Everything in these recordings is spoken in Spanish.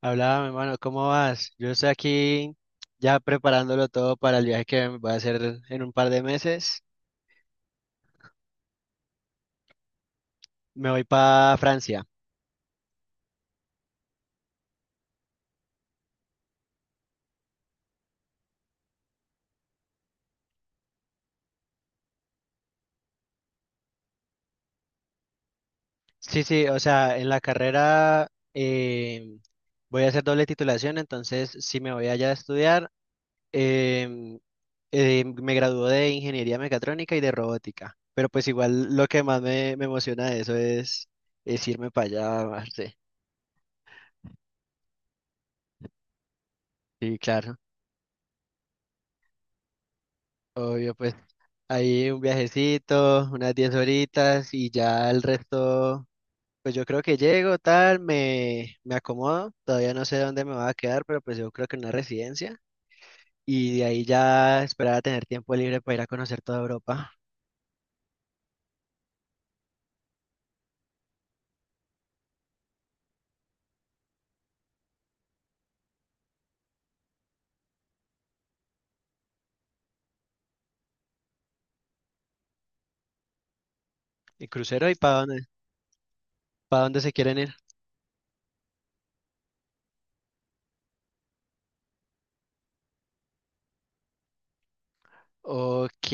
Hablaba, mi hermano, ¿cómo vas? Yo estoy aquí ya preparándolo todo para el viaje que voy a hacer en un par de meses. Me voy para Francia. Sí, sí, o sea, en la carrera eh, voy a hacer doble titulación, entonces sí me voy allá a estudiar. em, Me gradué de ingeniería mecatrónica y de robótica, pero pues igual lo que más me emociona de eso es irme para allá, parce. Sí, claro, obvio, pues ahí un viajecito, unas 10 horitas y ya el resto, pues yo creo que llego, tal, me acomodo, todavía no sé dónde me voy a quedar, pero pues yo creo que en una residencia y de ahí ya esperar a tener tiempo libre para ir a conocer toda Europa. ¿Y crucero y para dónde se quieren ir? Ok.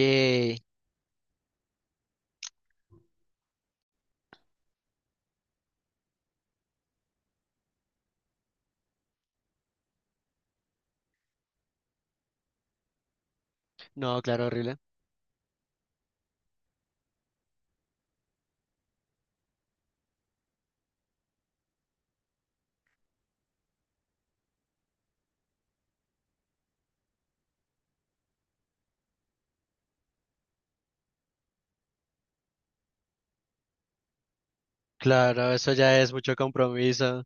No, claro, horrible. Claro, eso ya es mucho compromiso.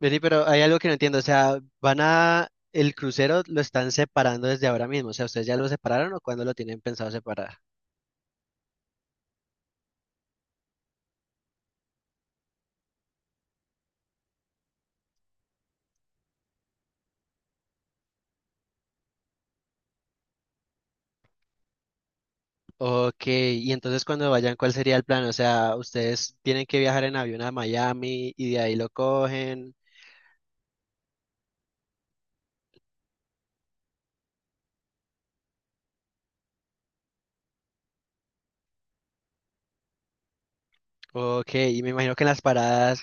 Vení, pero hay algo que no entiendo. O sea, van a… El crucero lo están separando desde ahora mismo. O sea, ¿ustedes ya lo separaron o cuándo lo tienen pensado separar? Ok. Y entonces cuando vayan, ¿cuál sería el plan? O sea, ¿ustedes tienen que viajar en avión a Miami y de ahí lo cogen? Ok. Y me imagino que en las paradas,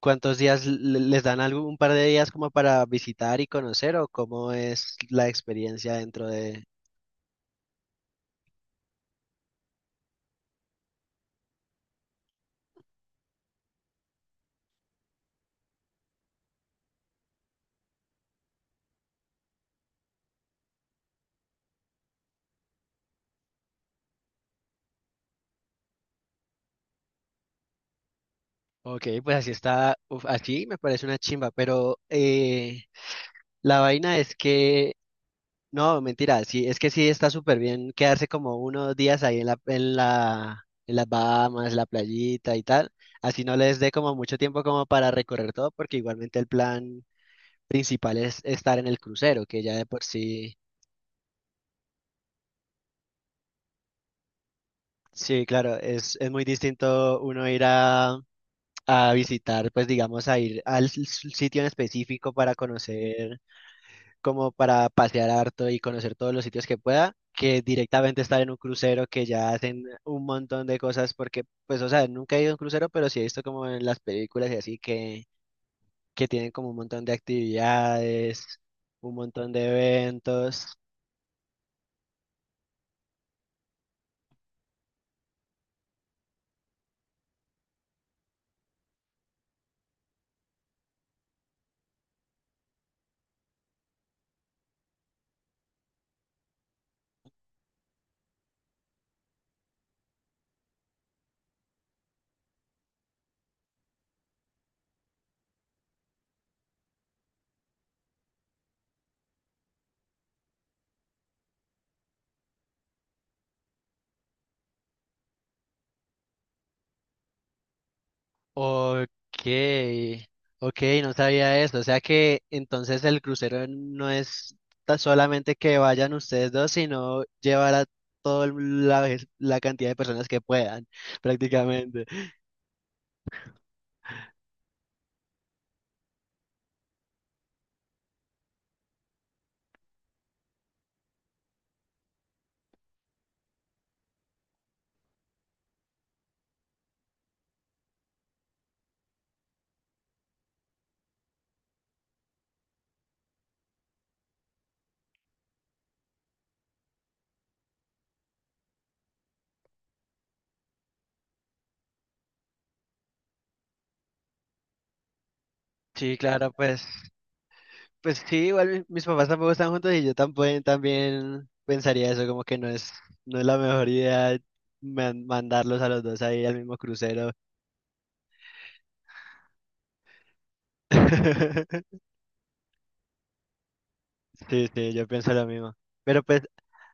¿cuántos días les dan algún un par de días como para visitar y conocer o cómo es la experiencia dentro de… Ok, pues así está, uf, así me parece una chimba, pero la vaina es que, no, mentira, sí, es que sí está súper bien quedarse como unos días ahí en las Bahamas, la playita y tal, así no les dé como mucho tiempo como para recorrer todo, porque igualmente el plan principal es estar en el crucero, que ya de por sí, sí, claro, es muy distinto uno ir a… A visitar, pues digamos, a ir al sitio en específico para conocer, como para pasear harto y conocer todos los sitios que pueda, que directamente estar en un crucero que ya hacen un montón de cosas porque, pues, o sea, nunca he ido a un crucero, pero sí he visto como en las películas y así que tienen como un montón de actividades, un montón de eventos. Ok, ok, no sabía eso. O sea que entonces el crucero no es solamente que vayan ustedes dos, sino llevar a la cantidad de personas que puedan prácticamente. Sí, claro, pues, pues sí, igual mis papás tampoco están juntos y yo también, también pensaría eso, como que no es la mejor idea mandarlos a los dos ahí al mismo crucero. Sí, sí, yo pienso lo mismo. Pero pues,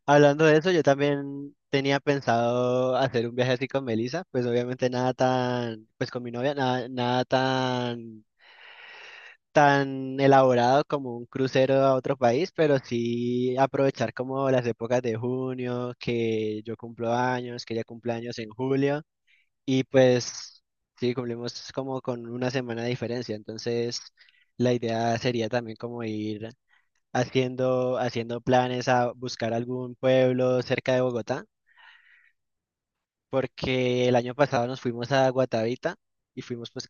hablando de eso, yo también tenía pensado hacer un viaje así con Melissa, pues obviamente nada tan, pues con mi novia, nada tan tan elaborado como un crucero a otro país, pero sí aprovechar como las épocas de junio, que yo cumplo años, que ella cumple años en julio, y pues sí, cumplimos como con una semana de diferencia, entonces la idea sería también como ir haciendo planes a buscar algún pueblo cerca de Bogotá, porque el año pasado nos fuimos a Guatavita y fuimos pues…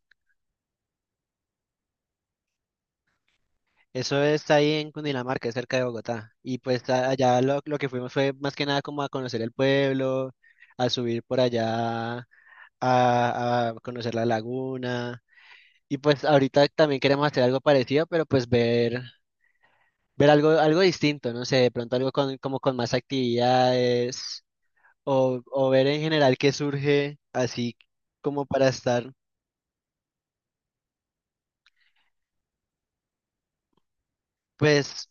Eso está ahí en Cundinamarca, cerca de Bogotá. Y pues allá lo que fuimos fue más que nada como a conocer el pueblo, a subir por allá, a conocer la laguna. Y pues ahorita también queremos hacer algo parecido, pero pues ver algo, algo distinto, no sé, de pronto algo con, como con más actividades o ver en general qué surge así como para estar. Pues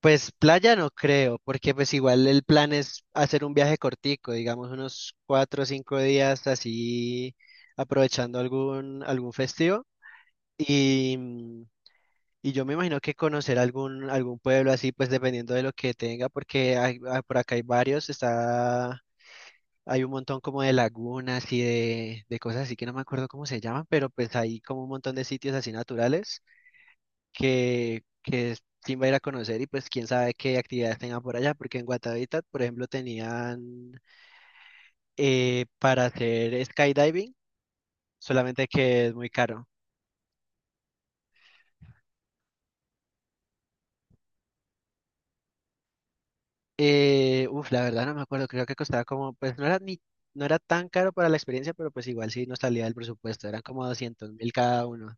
Pues playa no creo, porque pues igual el plan es hacer un viaje cortico, digamos unos 4 o 5 días así aprovechando algún festivo. Y, y yo me imagino que conocer algún pueblo así, pues dependiendo de lo que tenga, porque por acá hay varios, está, hay un montón como de lagunas y de cosas así que no me acuerdo cómo se llaman, pero pues hay como un montón de sitios así naturales que sí va a ir a conocer y pues quién sabe qué actividades tengan por allá, porque en Guatavita, por ejemplo, tenían para hacer skydiving, solamente que es muy caro. Uf, la verdad no me acuerdo, creo que costaba como, pues no era tan caro para la experiencia, pero pues igual sí nos salía del presupuesto, eran como 200.000 cada uno.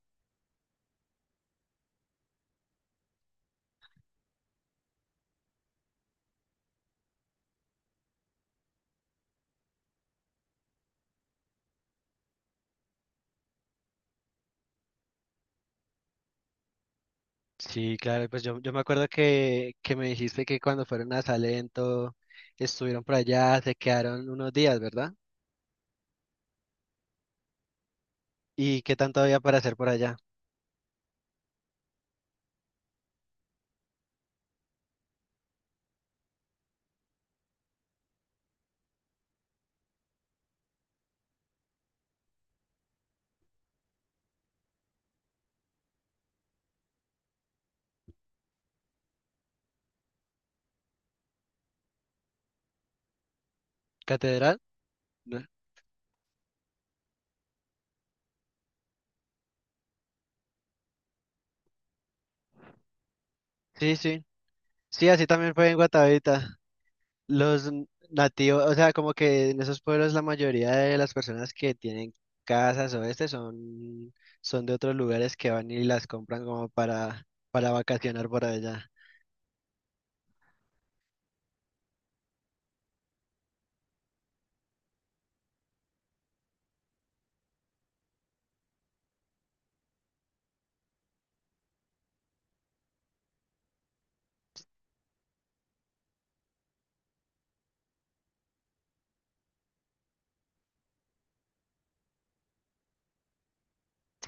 Sí, claro, pues yo me acuerdo que me dijiste que cuando fueron a Salento estuvieron por allá, se quedaron unos días, ¿verdad? ¿Y qué tanto había para hacer por allá? ¿Catedral? ¿No? Sí, sí. Sí, así también fue en Guatavita. Los nativos, o sea, como que en esos pueblos la mayoría de las personas que tienen casas o este son de otros lugares que van y las compran como para vacacionar por allá.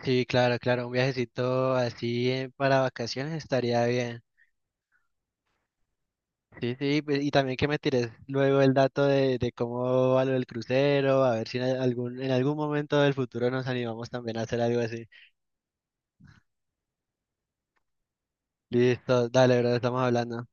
Sí, claro, claro, un viajecito así para vacaciones estaría bien. Sí, sí, pues, y también que me tires luego el dato de cómo va lo del crucero, a ver si en algún, en algún momento del futuro nos animamos también a hacer algo así. Listo, dale, bro, estamos hablando.